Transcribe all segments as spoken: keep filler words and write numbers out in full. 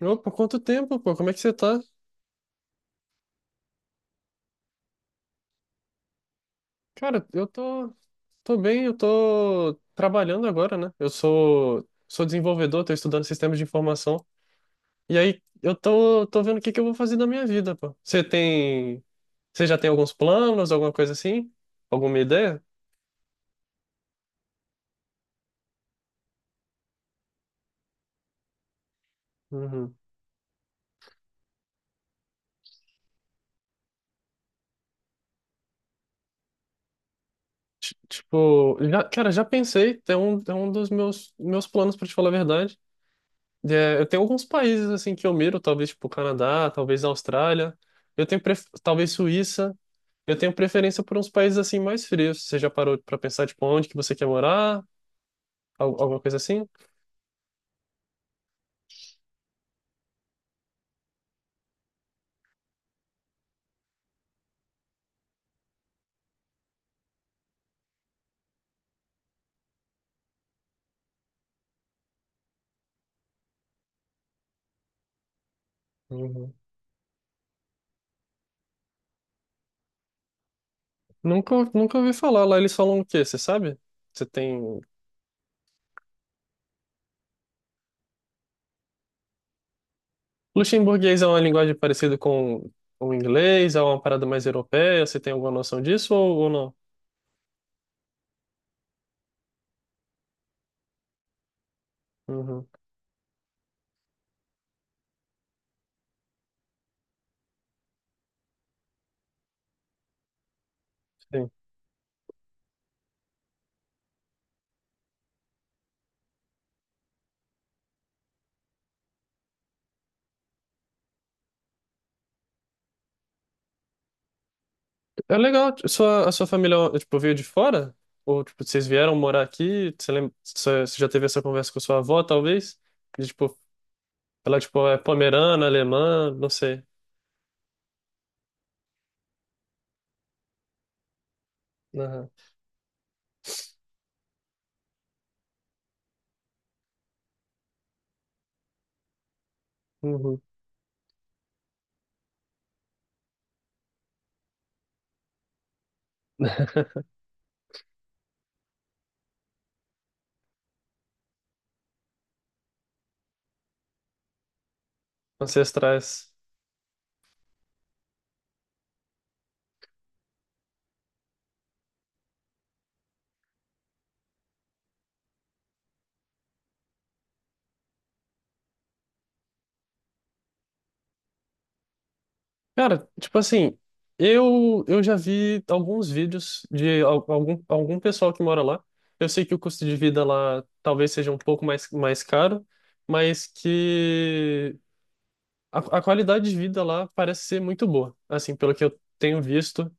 Opa, quanto tempo, pô? Como é que você tá? Cara, eu tô, tô bem, eu tô trabalhando agora, né? Eu sou, sou desenvolvedor, tô estudando sistemas de informação. E aí, eu tô, tô vendo o que que eu vou fazer da minha vida, pô. Você tem, você já tem alguns planos, alguma coisa assim? Alguma ideia? Uhum. Ti- Tipo, já- cara, já pensei, tem um, tem um dos meus, meus planos, pra te falar a verdade. É, eu tenho alguns países, assim, que eu miro, talvez, tipo, Canadá, talvez Austrália. Eu tenho, pref- talvez Suíça. Eu tenho preferência por uns países assim mais frios. Você já parou pra pensar, tipo, onde que você quer morar? Al- Alguma coisa assim? Uhum. Nunca, nunca ouvi falar. Lá eles falam o quê? Você sabe? Você tem. Luxemburguês é uma linguagem parecida com o inglês, é uma parada mais europeia. Você tem alguma noção disso ou, ou não? Uhum. Sim. É legal. Sua, a sua família, tipo, veio de fora? Ou, tipo, vocês vieram morar aqui? Você lembra, você você já teve essa conversa com sua avó, talvez? E, tipo, ela, tipo, é pomerana, alemã, não sei. Uhum. Ancestrais. Cara, tipo assim, eu, eu já vi alguns vídeos de al- algum, algum pessoal que mora lá. Eu sei que o custo de vida lá talvez seja um pouco mais, mais caro, mas que A, a qualidade de vida lá parece ser muito boa, assim, pelo que eu tenho visto,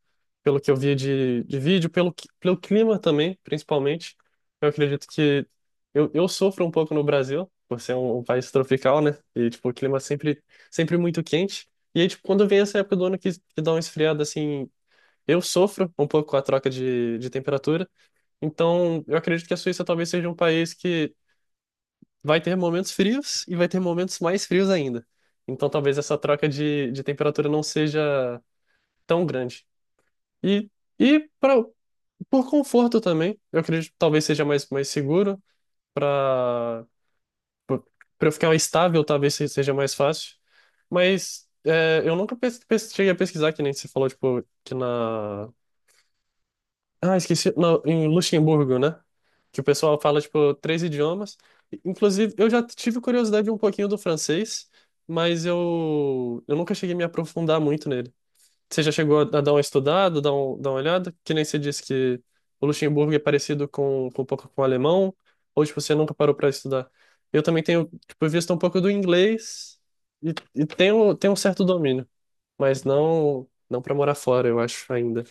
pelo que eu vi de, de vídeo, pelo, qui- pelo clima também, principalmente. Eu acredito que eu, eu sofro um pouco no Brasil, por ser um, um país tropical, né? E, tipo, o clima sempre, sempre muito quente. E aí, tipo, quando vem essa época do ano que, que dá uma esfriada, assim, eu sofro um pouco com a troca de, de temperatura. Então, eu acredito que a Suíça talvez seja um país que vai ter momentos frios e vai ter momentos mais frios ainda. Então talvez essa troca de, de temperatura não seja tão grande. E, e pra, por conforto também, eu acredito que talvez seja mais, mais seguro para para eu ficar estável, talvez se- seja mais fácil. Mas é, eu nunca pes, pes, cheguei a pesquisar, que nem você falou, tipo, que na Ah, esqueci. Não, em Luxemburgo, né? Que o pessoal fala, tipo, três idiomas. Inclusive, eu já tive curiosidade um pouquinho do francês, mas eu, eu nunca cheguei a me aprofundar muito nele. Você já chegou a dar uma estudada, dar um, dar uma olhada? Que nem você disse que o Luxemburgo é parecido com, com um pouco com o alemão, ou, tipo, você nunca parou para estudar? Eu também tenho, tipo, visto um pouco do inglês e, e tenho, tenho um certo domínio, mas não, não para morar fora, eu acho, ainda.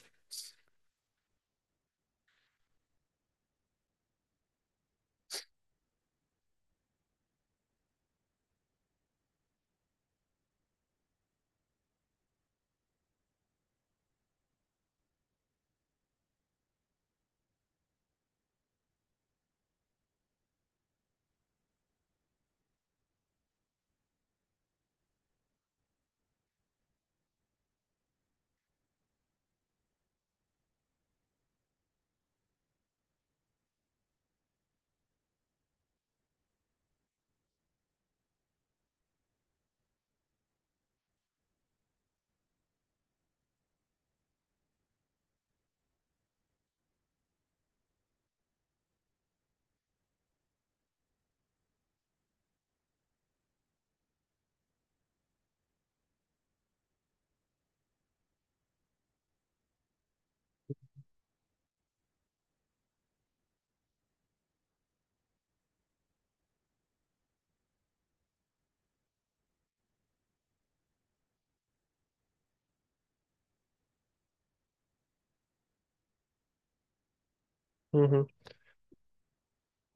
Uhum.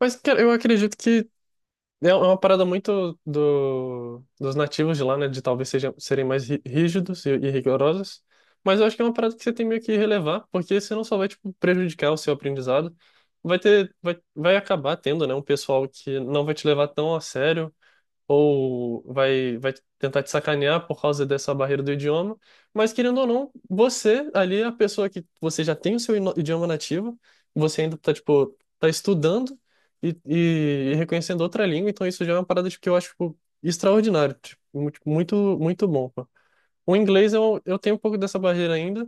Mas, cara, eu acredito que É é uma parada muito do, dos nativos de lá, né? De talvez sejam, serem mais ri- rígidos e, e rigorosos. Mas eu acho que é uma parada que você tem meio que relevar, porque senão só vai, tipo, prejudicar o seu aprendizado. Vai ter, vai, vai acabar tendo, né? Um pessoal que não vai te levar tão a sério ou vai, vai tentar te sacanear por causa dessa barreira do idioma. Mas querendo ou não, você ali, é a pessoa que você já tem o seu ino- idioma nativo, você ainda tá, tipo, tá estudando e, e, reconhecendo outra língua, então isso já é uma parada tipo, que eu acho, tipo, extraordinário, tipo, mu- muito, muito bom, pô. O inglês eu, eu tenho um pouco dessa barreira ainda,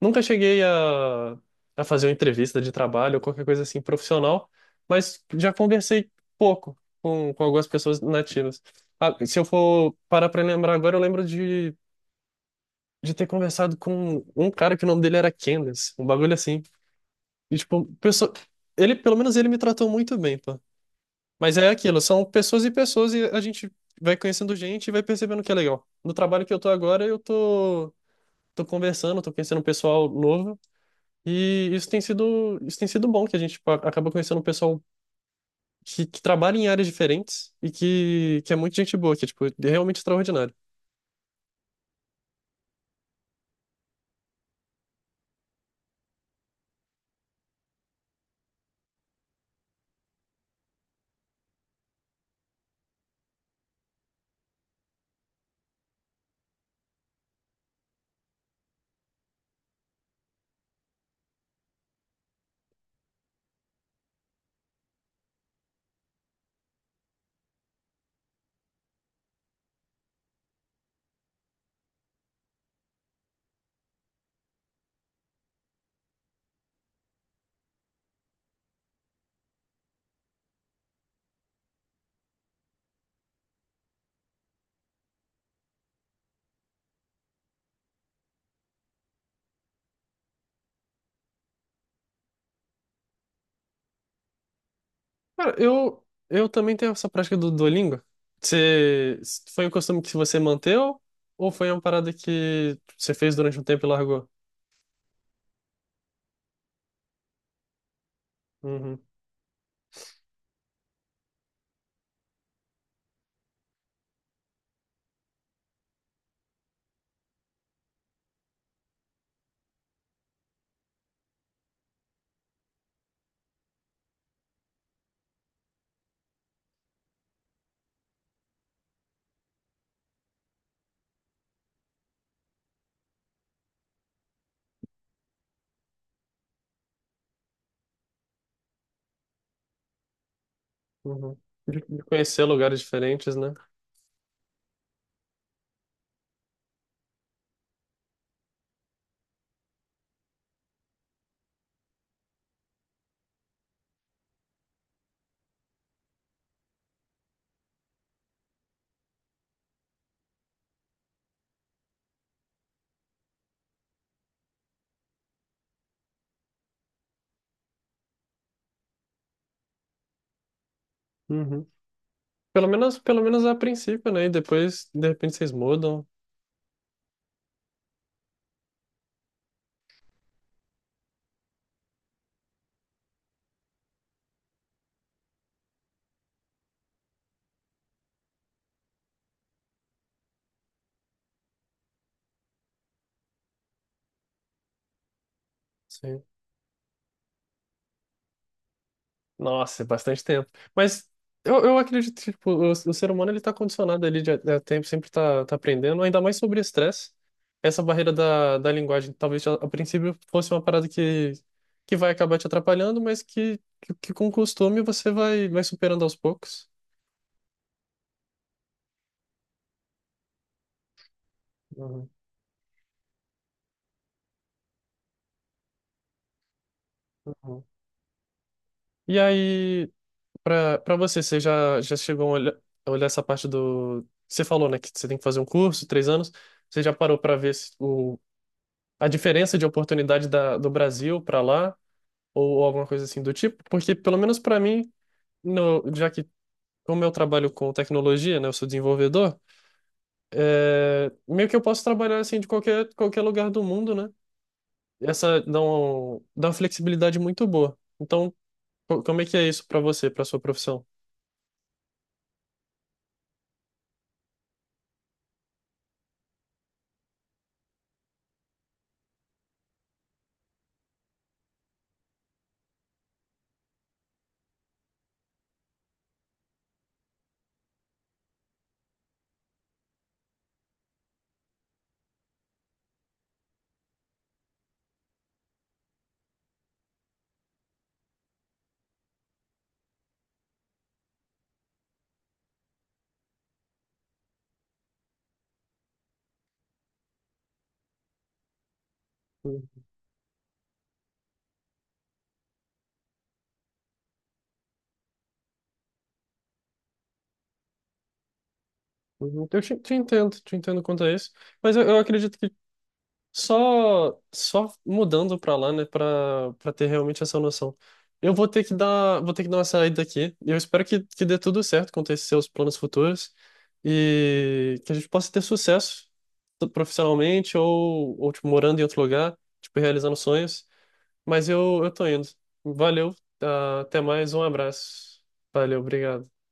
nunca cheguei a, a fazer uma entrevista de trabalho ou qualquer coisa assim profissional, mas já conversei pouco com, com algumas pessoas nativas. Ah, se eu for parar pra lembrar agora, eu lembro de, de ter conversado com um cara que o nome dele era Candace, um bagulho assim. E, tipo, pessoa, ele, pelo menos ele me tratou muito bem, pô. Mas é aquilo, são pessoas e pessoas e a gente vai conhecendo gente e vai percebendo que é legal. No trabalho que eu tô agora, eu tô, tô conversando, tô conhecendo um pessoal novo. E isso tem sido, isso tem sido bom, que a gente tipo, acaba conhecendo um pessoal que, que trabalha em áreas diferentes e que, que é muito gente boa, que é tipo, é realmente extraordinário. Cara, eu, eu também tenho essa prática do Duolingo. Você, foi um costume que você manteu ou foi uma parada que você fez durante um tempo e largou? Uhum, uhum. De, de conhecer lugares diferentes, né? Uhum. Pelo menos, pelo menos a princípio, né? E depois, de repente, vocês mudam. Sim. Nossa, é bastante tempo. Mas eu, eu acredito que tipo, o, o ser humano ele está condicionado ali de, a a tempo, sempre está aprendendo, ainda mais sobre estresse. Essa barreira da, da linguagem, talvez a, a princípio fosse uma parada que, que vai acabar te atrapalhando, mas que, que, que com costume você vai, vai superando aos poucos. Uhum, uhum. E aí, para para você, você já, já chegou a olhar, a olhar essa parte do. Você falou, né, que você tem que fazer um curso, três anos. Você já parou para ver se- o a diferença de oportunidade da, do Brasil para lá, ou, ou alguma coisa assim do tipo, porque pelo menos para mim, no, já que como eu trabalho com tecnologia, né, eu sou desenvolvedor, é, meio que eu posso trabalhar assim de qualquer, qualquer lugar do mundo, né? Essa dá, um, dá uma flexibilidade muito boa. Então, co- como é que é isso para você, para sua profissão? Uhum. Uhum. Eu te, te entendo, te entendo quanto a isso, mas eu, eu acredito que Só, só mudando pra lá, né, pra para ter realmente essa noção. Eu vou ter que dar, vou ter que dar uma saída aqui. Eu espero que, que dê tudo certo com esses seus planos futuros e que a gente possa ter sucesso tanto profissionalmente ou, ou tipo, morando em outro lugar, tipo, realizando sonhos. Mas eu, eu tô indo. Valeu, ah, até mais, um abraço. Valeu, obrigado.